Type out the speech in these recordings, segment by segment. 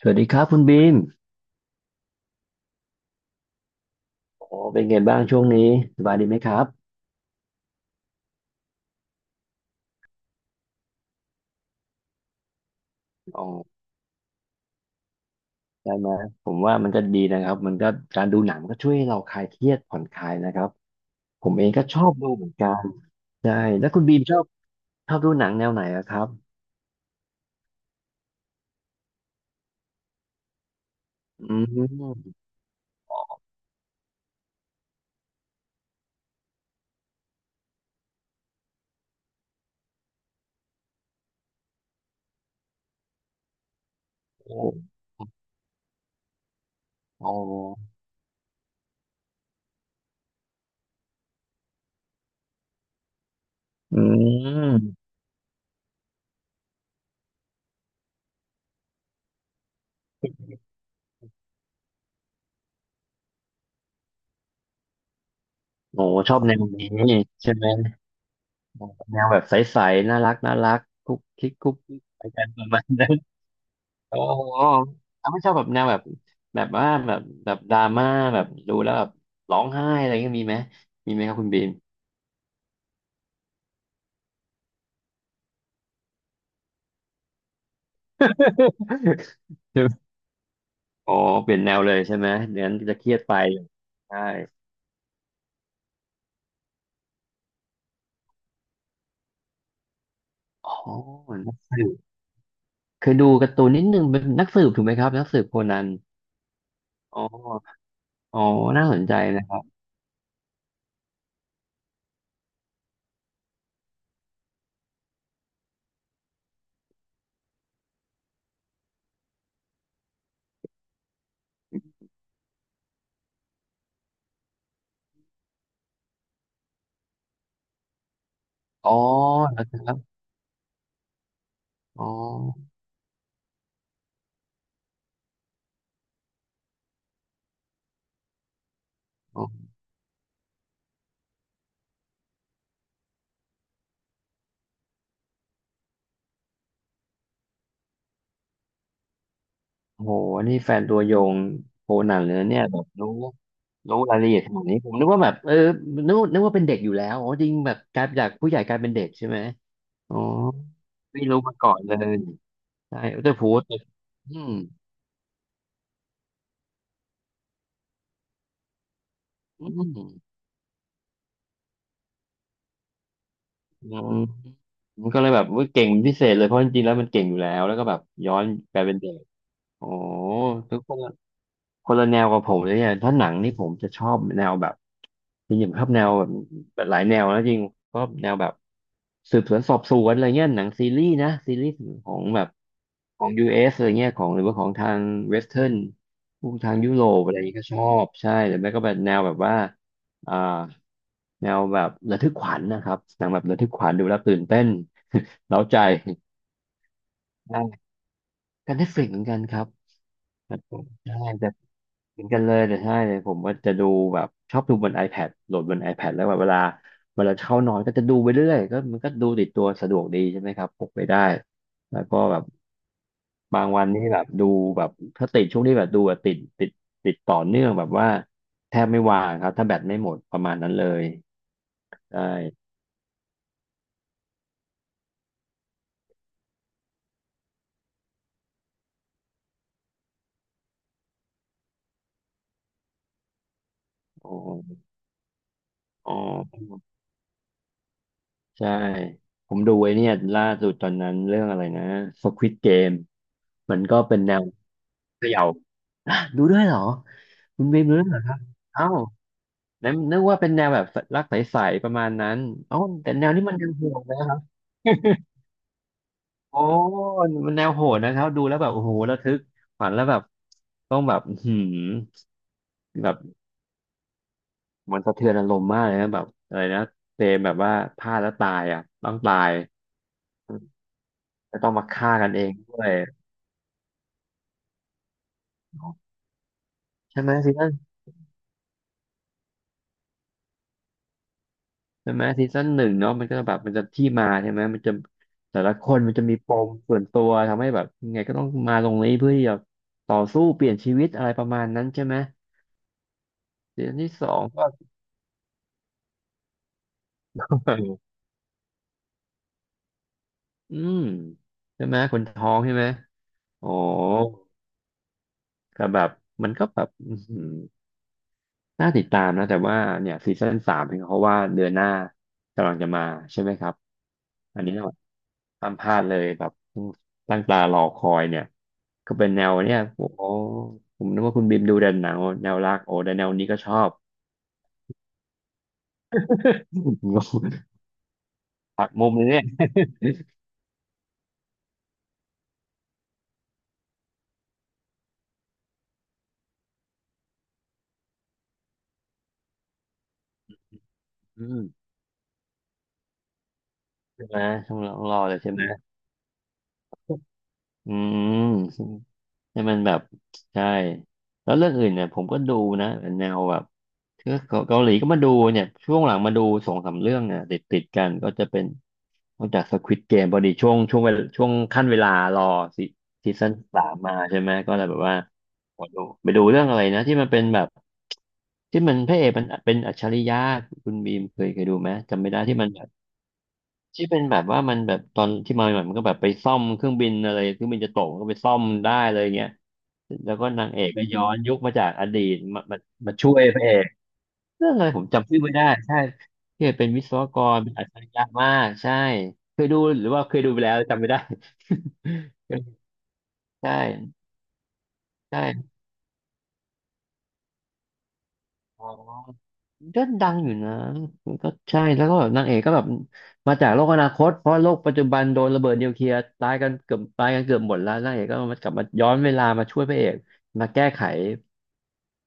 สวัสดีครับคุณบีมโอ้เป็นไงบ้างช่วงนี้สบายดีไหมครับอ๋อได้ไหมผมว่ามันก็ดีนะครับมันก็การดูหนังก็ช่วยให้เราคลายเครียดผ่อนคลายนะครับผมเองก็ชอบดูเหมือนกันใช่แล้วคุณบีมชอบดูหนังแนวไหนอะครับอืมโอ้โอ้อืมโอ้ชอบแนวนี้ใช่ไหมแนวแบบใสๆน่ารักน่ารักคุกคิกคุกกิกไปกันประมาณนั้น อ๋อ้ถ้าไม่ชอบแบบแนวแบบแบบว่าแบบแบบดราม่าแบบดูแล้วแบบร้องไห้อะไรเงี้ยมีไหมมีไหมครับคุณบีม ใช่ไหม อ๋อเปลี่ยนแนวเลยใช่ไหมเดี๋ยวนั้นจะเครียดไปใช่อ๋อนักสืบเคยดูการ์ตูนนิดนึงเป็นนักสืบถูกไหมครับนักสืบโคนันอ๋ออ๋อน่าสนใจนะครับอ๋อนะครับอ๋อโอ้โหนี่แฟนตัวยงโคนันเลยนะเนี่ยแบบรู้ รู้รายละเอียดขนาดนี้ผมนึกว่าแบบนึกว่าเป็นเด็กอยู่แล้วอ๋อจริงแบบกลายจากผู้ใหญ่กลายเป็นเด็กใช่ไหมอ๋อไม่รู้มาก่อนเลยใช่แต่พูดอืมอืมอืมมันก็เลยแบบว่าเก่งเป็นพิเศษเลยเพราะจริงๆแล้วมันเก่งอยู่แล้วแล้วก็แบบย้อนกลายเป็นเด็กโอ้ทุกคนคนละแนวกับผมเลยเนี่ยถ้าหนังนี่ผมจะชอบแนวแบบ จริงๆชอบแนวแบบแบบหลายแนวแล้วจริงชอบแนวแบบสืบสวนสอบสวนอะไรเงี้ยหนังซีรีส์นะซีรีส์ของแบบของ US อสอะไรเงี้ยของหรือว่าของทางเวสเทิร์นพวกทางยุโรปอะไรนี้ยก็ชอบใช่หรือไม่ก็แบบแนวแบบว่าอ่าแนวแบบระทึกขวัญนะครับหนังแบบระทึกขวัญดูแล้วตื่นเต้นเร้าใจ ใช่กันได้ฟลิกเหมือนกันครับครับผมใช่ เหมือนกันเลยแต่ใช่เลยผมว่าจะดูแบบชอบดูบน iPad โหลดบน iPad แล้วแบบเวลาเข้านอนก็จะดูไปเรื่อยก็มันก็ดูติดตัวสะดวกดีใช่ไหมครับพกไปได้แล้วก็แบบบางวันนี่แบบดูแบบถ้าติดช่วงนี้แบบดูแบบติดติดต่อเนื่องแบบว่าแทบไม่ว่างครับถ้าแบตไม่หมดประมาณนั้นเลยใช่โอ้อ๋อใช่ผมดูไอ้เนี่ยล่าสุดตอนนั้นเรื่องอะไรนะ Squid Game มันก็เป็นแนวเขย่า ดูด้วยเหรอคุณเบมดูด้วยเหรอครับเอ้านล้นึกว่าเป็นแนวแบบรักใสๆประมาณนั้นเอ้าแต่แนวนี้มันยังโหดนะครับโอ้มันแนวโหดนะครับดูแล้วแบบโอ้โหระทึกขวัญแล้วแบบต้องแบบอื้อหืมแบบมันสะเทือนอารมณ์มากเลยนะแบบอะไรนะเตมแบบว่าพลาดแล้วตายอ่ะต้องตายจะต้องมาฆ่ากันเองด้วยใช่ไหมซีซั่น ใช่ไหมซีซั่นหนึ่งเนาะมันก็แบบมันจะที่มาใช่ไหมมันจะแต่ละคนมันจะมีปมส่วนตัวทำให้แบบยังไงก็ต้องมาตรงนี้เพื่อที่จะต่อสู้เปลี่ยนชีวิตอะไรประมาณนั้นใช่ไหมซีซั่นที่สองก็ อืมใช่ไหมคนท้องใช่ไหมอ๋อก็แบบมันก็แบบอื้อหือน่าติดตามนะแต่ว่าเนี่ยซีซั่นสามเห็นเขาว่าเดือนหน้ากำลังจะมาใช่ไหมครับอันนี้ ห้ามพลาดเลยแบบตั้งตารอคอยเนี่ยก็เป็นแนวเนี่ยโอ้โหผมนึกว่าคุณบิมดูแต่หนังแนวรักโอ้แต่แนวนี้ก็ชอบ งงหักมุมเลยเนี่ยอืม ใช่ไหมต้องรอเลยใช่ไหม อืมให้มันแบบใช่แล้วเรื่องอื่นเนี่ยผมก็ดูนะแนวแบบคือเกาหลีก็มาดูเนี่ยช่วงหลังมาดูสองสามเรื่องเนี่ยติดกันก็จะเป็นนอกจาก Squid Game พอดีช่วงช่วงเวลาช่วงขั้นเวลารอซีซีซั่นสามมาใช่ไหมก็เลยแบบว่าขอดูไปดูเรื่องอะไรนะที่มันเป็นแบบที่มันพระเอกมันเป็นอัจฉริยะคุณบีมเคยดูไหมจำไม่ได้ที่มัน ที่เป็นแบบว่ามันแบบตอนที่มาใหม่ๆมันก็แบบไปซ่อมเครื่องบินอะไรเครื่องบินจะตกมันก็ไปซ่อมได้เลยเงี้ยแล้วก็นางเอกก็ย้อนยุคมาจากอดีตมามาช่วยพระเอกเรื่องอะไรผมจำชื่อไม่ได้ใช่ที่เป็นวิศวกรเป็นอัจฉริยะมากใช่เคยดูหรือว่าเคยดูไปแล้วจำไม่ได้ ใช่ใช่ อ๋อก็ดังอยู่นะมันก็ใช่แล้วก็แบบนางเอกก็แบบมาจากโลกอนาคตเพราะโลกปัจจุบันโดนระเบิดนิวเคลียร์ตายกันเกือบหมดแล้วนางเอกก็มากลับมาย้อนเวลามาช่วยพระเอกมาแก้ไข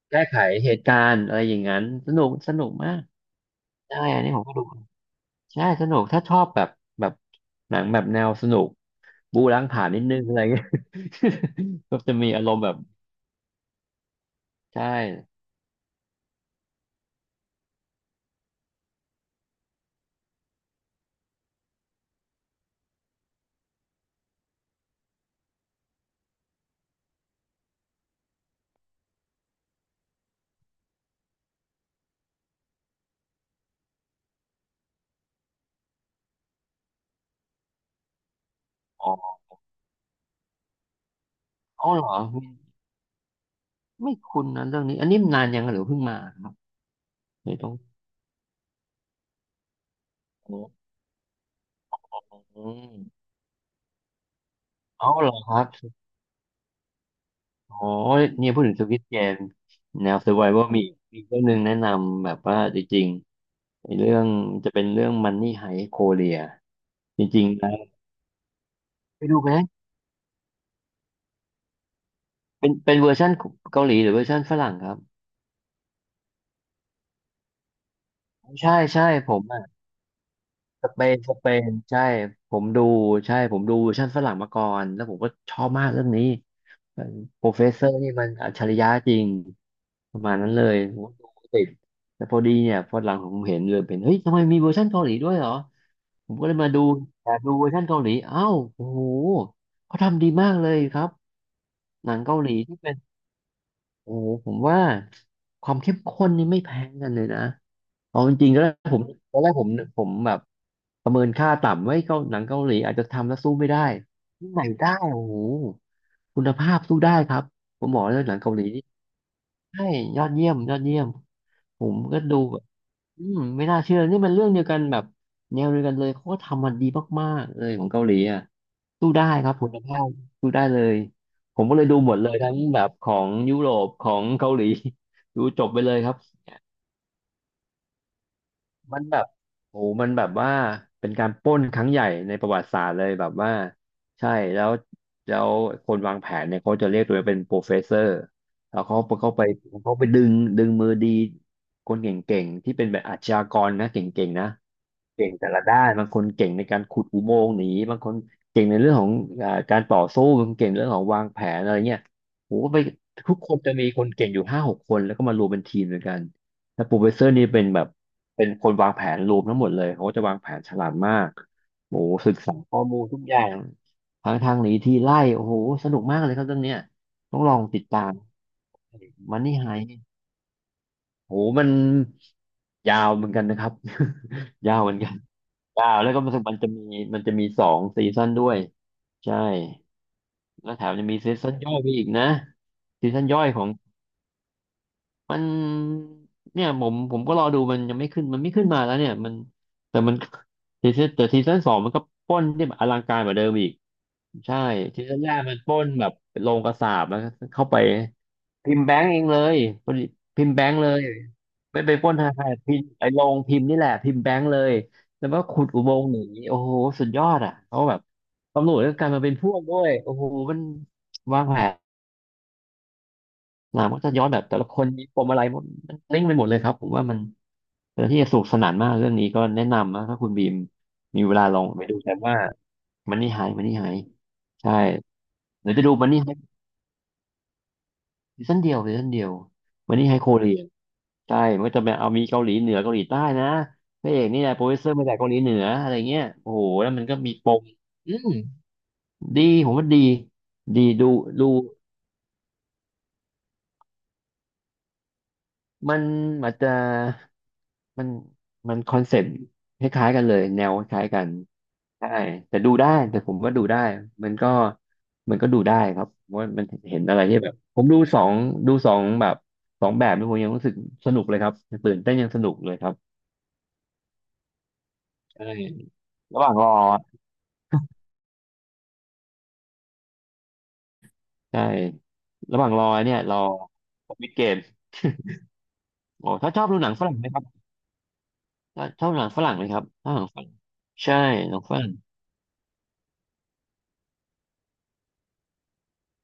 แก้ไขเหตุการณ์อะไรอย่างนั้นสนุกสนุกมากใช่อันนี้ผมก็ดูใช่สนุกถ้าชอบแบบแบบหนังแบบแนวสนุกบู๊ล้างผลาญนิดนึงอะไรเงี้ย ก็จะมีอารมณ์แบบใช่อ๋ออ๋อเหรอไม่ไม่คุ้นนะเรื่องนี้อันนี้นานยังหรือเพิ่งมาครับไม่ต้อง อืมเอาเหรอครับโอ้ยเนี่ยพูดถึงสวิตเกมแนว survival มีมีเรื่องหนึงแนะนำแบบว่าจริงๆไอ้เรื่องจะเป็นเรื่อง Money Heist Korea จริงๆนะไปดูไหมเป็นเป็นเวอร์ชันเกาหลีหรือเวอร์ชันฝรั่งครับใช่ใช่ผม สเปนสเปนใช่ผมดูใช่ผมดูเวอร์ชันฝรั่งมาก่อนแล้วผมก็ชอบมากเรื่องนี้ โปรเฟสเซอร์นี่มันอัจฉริยะจริงประมาณนั้นเลยผมก็ดูติดแต่พอดีเนี่ยพอหลังผมเห็นเลยเป็นเฮ้ยทำไมมีเวอร์ชันเกาหลีด้วยเหรอผมก็เลยมาดูแต่ดูเวอร์ชันเกาหลีอ้าวโอ้โหเขาทำดีมากเลยครับหนังเกาหลีที่เป็น โอ้ผมว่าความเข้มข้นนี่ไม่แพ้กันเลยนะเอาจริงๆแล้วผมตอนแรกผมแบบประเมินค่าต่ำไว้เกาหนังเกาหลีอาจจะทำแล้วสู้ไม่ได้ที่ไหนได้โอ้โหคุณภาพสู้ได้ครับผมบอกเลยหนังเกาหลีนี่ใช่ยอดเยี่ยมยอดเยี่ยมผมก็ดู อืมไม่น่าเชื่อนี่มันเรื่องเดียวกันแบบแนวเดียวกันเลยเขาก็ทำมันดีมากๆเลยของเกาหลีอ่ะสู้ได้ครับคุณภาพสู้ได้เลยผมก็เลยดูหมดเลยทั้งแบบของยุโรปของเกาหลี ดูจบไปเลยครับมันแบบโอ้โหมันแบบว่าเป็นการปล้นครั้งใหญ่ในประวัติศาสตร์เลยแบบว่าใช่แล้วแล้วคนวางแผนเนี่ยเขาจะเรียกตัวเองเป็นโปรเฟสเซอร์แล้วเขาเขาไปเขาไปดึงดึงมือดีคนเก่งๆที่เป็นแบบอาชญากรนะเก่งๆนะ เก่งแต่ละด้านบางคนเก่งในการขุดอุโมงค์หนีบางคนเก่งในเรื่องของการต่อสู้บางคนเก่งเรื่องของวางแผนอะไรเงี้ยโหก็ไปทุกคนจะมีคนเก่งอยู่5-6คนแล้วก็มารวมเป็นทีมด้วยกันแล้วโปรเฟสเซอร์นี่เป็นแบบเป็นคนวางแผนรวมทั้งหมดเลยเขาก็จะวางแผนฉลาดมากโหศึกษาข้อมูลทุกอย่างทางทางหนีทีไล่โอ้โหสนุกมากเลยครับเรื่องเนี้ยต้องลองติดตามมันนี่ไฮโหมันยาวเหมือนกันนะครับ ยาวเหมือนกัน เก้าแล้วก็รู้สึกมันจะมีมันจะมีสองซีซั่นด้วยใช่แล้วแถมจะมีซีซั่นย่อยไปอีกนะซีซั่นย่อยของมันเนี่ยผมก็รอดูมันยังไม่ขึ้นมันไม่ขึ้นมาแล้วเนี่ยมันแต่มันซีซั่นแต่ซีซั่นสองมันก็ปล้นที่แบบอลังการกว่าเดิมอีก ใช่ทีแรกมันปล้นแบบโรงกษาปแล้วก็เข้าไปพิมพ์แบงก์เองเลยพอดีพิมพ์แบงก์เลยไม่ไปปล้นธนาคารพิมพ์ไอ้โรงพิมพ์นี่แหละพิมพ์แบงก์เลยแล้วก็ขุดอุโมงค์หนีโอ้โหสุดยอดอ่ะเขาแบบตำรวจก็กลายมาเป็นพวกด้วยโอ้โหมันวางแผนมามันก็จะย้อนแบบแต่ละคนมีปมอะไรหมดมันลิงก์ไปหมดเลยครับผมว่ามันเป็นที่จะสนุกสนานมากเรื่องนี้ก็แนะนำนะถ้าคุณบีมมีเวลาลองไปดูแต่ว่ามันนี่หายมันนี่หายใช่หรือจะดูมันนี่ ซีซั่นเดียวซีซั่นเดียวมันนี่ไฮโคเรียใช่มันก็จะแบบเอามีเกาหลีเหนือเกาหลีใต้นะพระเอกนี่แหละโปรดิวเซอร์มาจากเกาหลีเหนืออะไรเงี้ยโอ้โหแล้วมันก็มีปมอืมดีผมว่าดีดีดูดูมันอาจจะมันมันคอนเซ็ปต์คล้ายๆกันเลยแนวคล้ายกันใช่แต่ดูได้แต่ผมว่าดูได้มันก็มันก็ดูได้ครับเพราะว่ามันเห็นอะไรที่แบบผมดูสองดูสองแบบสองแบบนี่ผมยังรู้สึกสนุกเลยครับตื่นเต้นยังสนุกเลยครับ ใช่ระหว่างรอใช่ระหว่างรอเนี่ยรอมิดเกมโอ้ถ้าชอบดูหนังฝรั่งไหมครับถ้าชอบดูหนังฝรั่งไหมครับชอบหนังฝรั่งใช่หนังฝรั่ง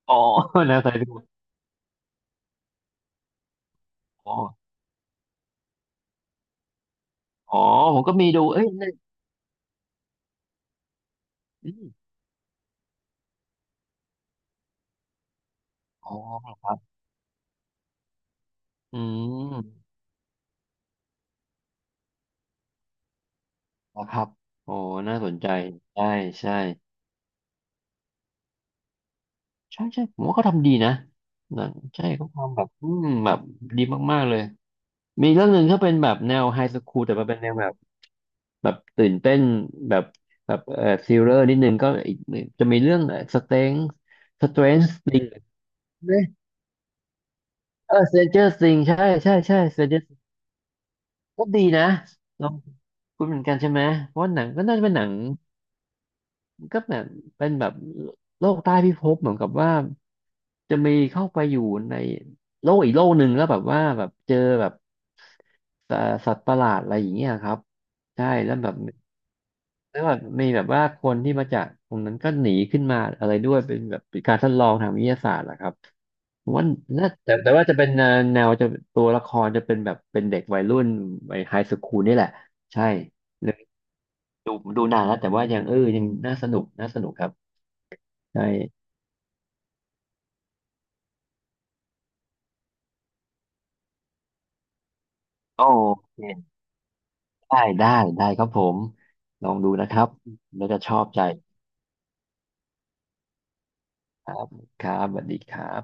อ๋อ นะใส่ดูอ๋ออ๋อผมก็มีดูเอ้ยนั่นอมอ๋อเหรอครับอืมนะครับโอ้น่าสนใจใช่ใช่ใช่ใช่ผมว่าเขาทำดีนะหนังใช่เขาทำแบบอืมแบบดีมากๆเลยมีเรื่องหนึ่งถ้าเป็นแบบแนวไฮสคูลแต่มันเป็นแนวแบบ แบบตื่นเต้นแบบแบบซีเรอร์นิดนึงก็อีกจะมีเรื่องสเตงสเตรนจ์เออสเตนเจอร์ซิงใช่ใช่ใช่สเตนเจอร์ก็ดีนะลองคุณเหมือนกันใช่ไหมเพราะว่าหนังก็น่าจะเป็นหนังก็แบบเป็นแบบโลกใต้พิภพเหมือนกับว่าจะมีเข้าไปอยู่ในโลกอีกโลกหนึ่งแล้วแบบว่าแบบเจอแบบเอ่อสัตว์ประหลาดอะไรอย่างเงี้ยครับใช่แล้วแบบ แล้วแบบมีแบบว่าคนที่มาจากตรงนั้นก็หนีขึ้นมาอะไรด้วยเป็นแบบเป็นการทดลองทางวิทยาศาสตร์เหรอครับผมว่าน่าแต่แต่ว่าจะเป็นแนวแนวจะตัวละครจะเป็นแบบเป็นเด็กวัยรุ่นวัยไฮสคูลนี่แหละใช่เลยดูดูนานแล้วแต่ว่ายังยังน่าสนุกน่าสนุกครับใช่โอเคได้ได้ได้ครับผมลองดูนะครับน่าจะชอบใจครับครับสวัสดีครับ